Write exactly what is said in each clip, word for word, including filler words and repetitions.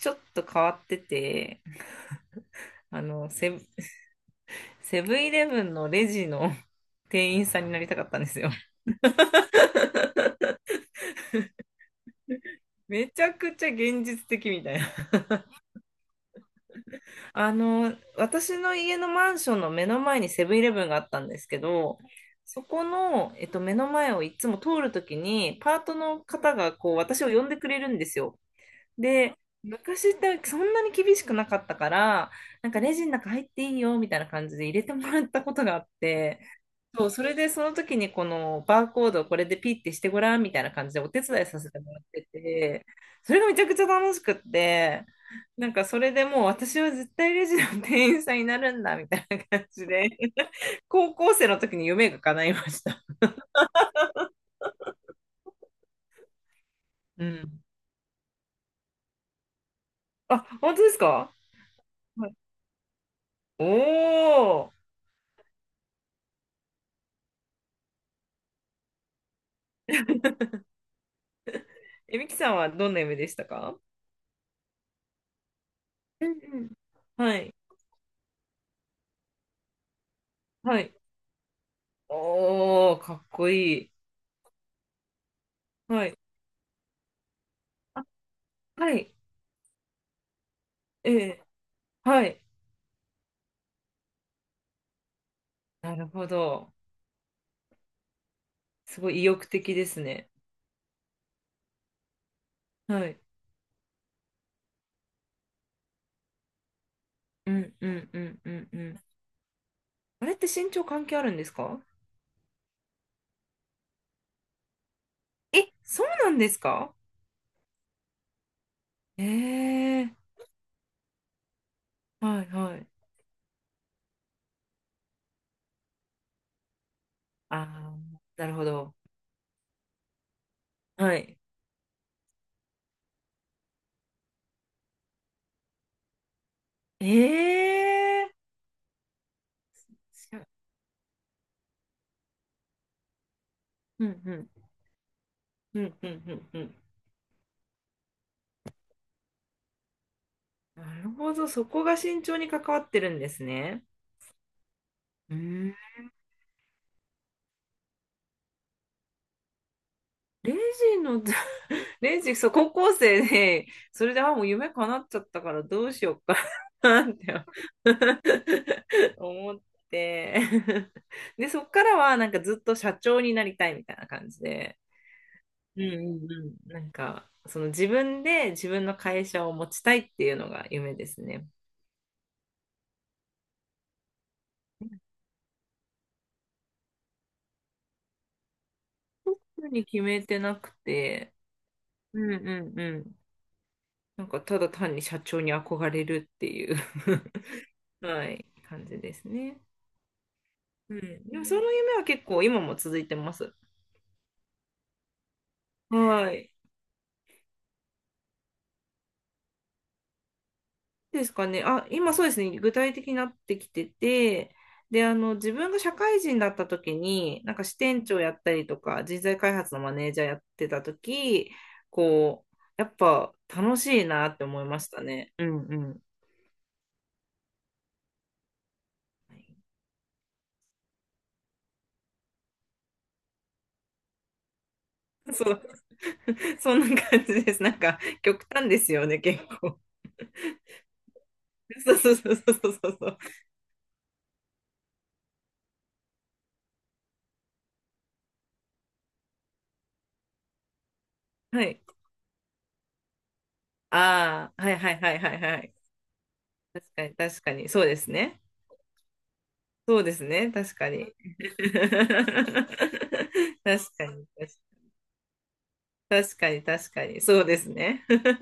ちょっと変わってて、あの、セ、セブンイレブンのレジの 店員さんになりたかったんですよ。めちゃくちゃ現実的みたいな。あの、私の家のマンションの目の前にセブンイレブンがあったんですけど、そこの、えっと、目の前をいつも通るときに、パートの方がこう私を呼んでくれるんですよ。で、昔ってそんなに厳しくなかったから、なんかレジの中入っていいよみたいな感じで入れてもらったことがあって、そう、それでその時にこのバーコードをこれでピッてしてごらんみたいな感じでお手伝いさせてもらってて、それがめちゃくちゃ楽しくって、なんかそれでもう私は絶対レジの店員さんになるんだみたいな感じで、高校生の時に夢が叶いました。うん。あ、本当ですか？はい。おー。えみきさんはどんな夢でしたか？うんうん。はい。はい。おー、かっこいい。はい。あ、はい。ええ。はい。なるほど。すごい意欲的ですね。はい。うんうんうんうんうん。あれって身長関係あるんですか？え、そうなんですか？ええー、はいはい。ああ、なるほど。はい。ええー、うんうんうんうんうんうん。なるほど、そこが身長に関わってるんですね。うーん。レジの、レジ、そう、高校生で、それで、あ、もう夢叶っちゃったからどうしようか なって 思って、で、そっからは、なんかずっと社長になりたいみたいな感じで、うんうんうん。なんか、その自分で自分の会社を持ちたいっていうのが夢ですね。特に決めてなくて、うんうんうん。なんか、ただ単に社長に憧れるっていう はい、感じですね。うん。でもその夢は結構今も続いてます。はい。ですかね。あ、今そうですね。具体的になってきてて、で、あの、自分が社会人だった時に、なんか支店長やったりとか、人材開発のマネージャーやってた時、こう、やっぱ楽しいなって思いましたね。うんうん。そう、そんな感じです。なんか、極端ですよね、結構。そうそうそうそうそうそう。はい。ああ、はいはいはいはいはい。確かに、確かに、そうですね。そうですね。確かに。確かに。確 かに、確かに。そうですね。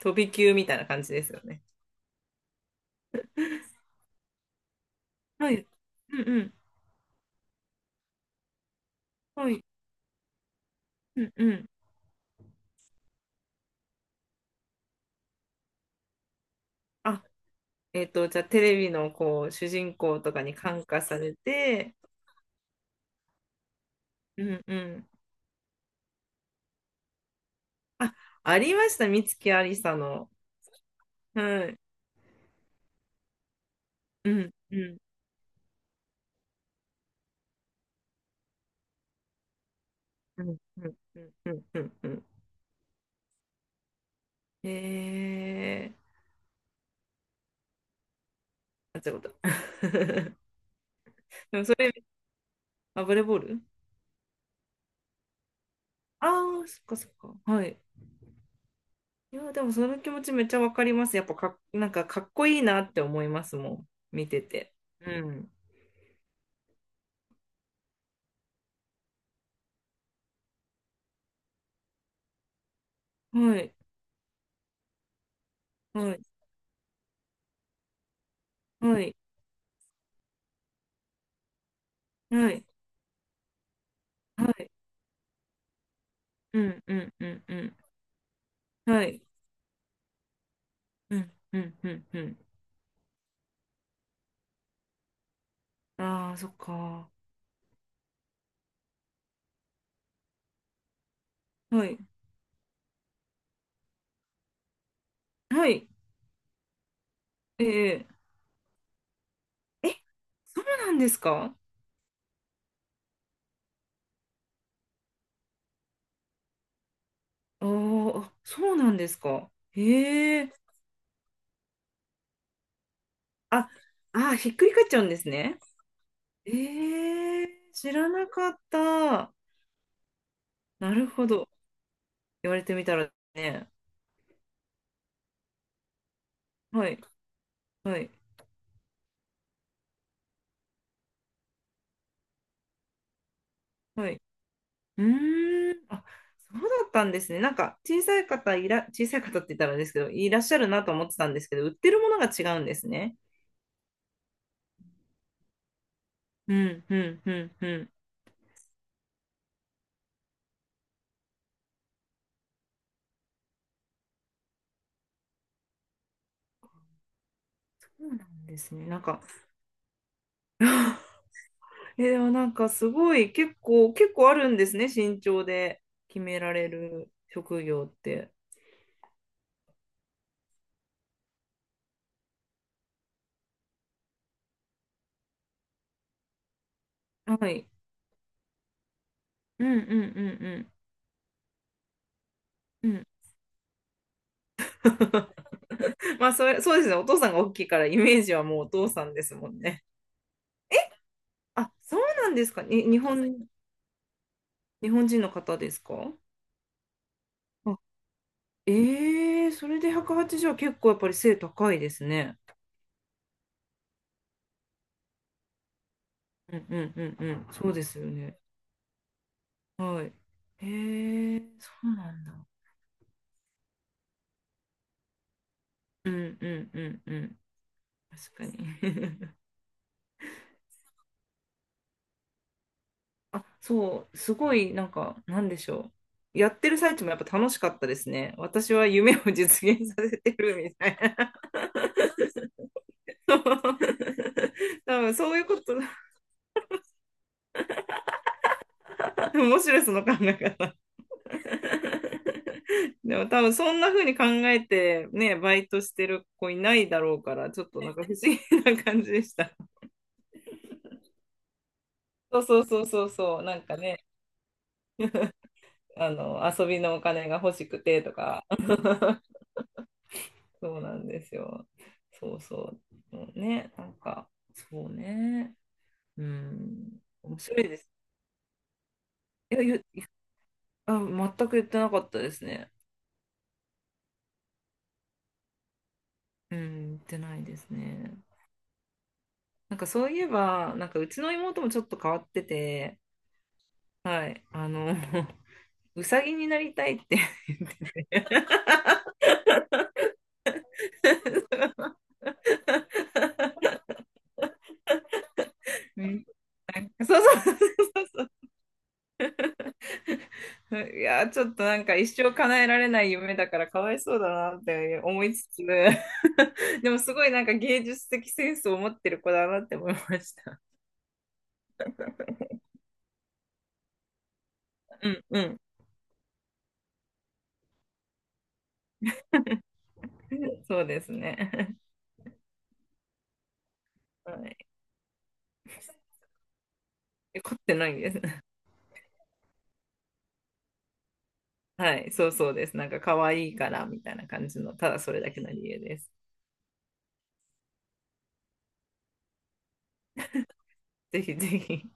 飛び級みたいな感じですよね。はい。うんうん。はい。うんうん。あ、えっと、じゃあテレビのこう、主人公とかに感化されて、うんうん。あ、ありました。美月ありさの。はい。うんうんうんうんうんうんうんうん。えー、あ、違うこと。でもそれ、あ、バレーボール。ああ、そっかそっか。はい。いや、でもその気持ちめっちゃわかります。やっぱかなんかかっこいいなって思いますもん。見てて。うん。はい。はい。はい。はい。はい。うん。うん。うん。うん。はい。うん。うん。うん。うん。ああ、そっか。はい。はい。ええ。え、そうなんですか？ああ、そうなんですか。へえ。あ、あひっくり返っちゃうんですね。ええ、知らなかった。なるほど。言われてみたらね、はい、はい、はい。うーん、あ、そうだったんですね。なんか、小さい方いら、小さい方って言ったらあれですけど、いらっしゃるなと思ってたんですけど、売ってるものが違うんですね。うん、うん、うん、うん。そうなんですね。なんか、えー、でもなんかすごい、結構、結構あるんですね、身長で決められる職業って。はい。うん、うん、うん、うん。うん。まあそれ、そうですね。お父さんが大きいからイメージはもうお父さんですもんね。あ、そうなんですか。に、日本、日本人の方ですか？あ、ええそれでひゃくはちじゅうはちじゅうは結構やっぱり背高いですね。うんうんうんうん。そうですよね。はい。ええそうなんだ。うんうんうんうん。確かに。あ、そう、すごい、なんか、なんでしょう。やってる最中もやっぱ楽しかったですね。私は夢を実現させてるみたいな。多分そういうこと、面白いその考え方。でも多分そんな風に考えてね、バイトしてる子いないだろうから、ちょっとなんか不思議な感じでした。そうそうそうそうそう、なんかね、あの、遊びのお金が欲しくてとか、そうなんですよ。そうそう。もうね、なんか、そうね。うん、面白いです。いや、いや、いや、あ、全く言ってなかったですね。うん、言ってないですね。なんかそういえば、なんかうちの妹もちょっと変わってて、はい。あの、うさぎになりたいって言ってて。うんそうそうそうそうそう。いやー、ちょっとなんか一生叶えられない夢だからかわいそうだなって思いつつ、でもすごいなんか芸術的センスを持ってる子だなって思いました。うんうん。そうですね。はい。え凝ってないです。はい。そうそうです。なんか可愛いからみたいな感じの、ただそれだけの理由です。ぜひぜひ。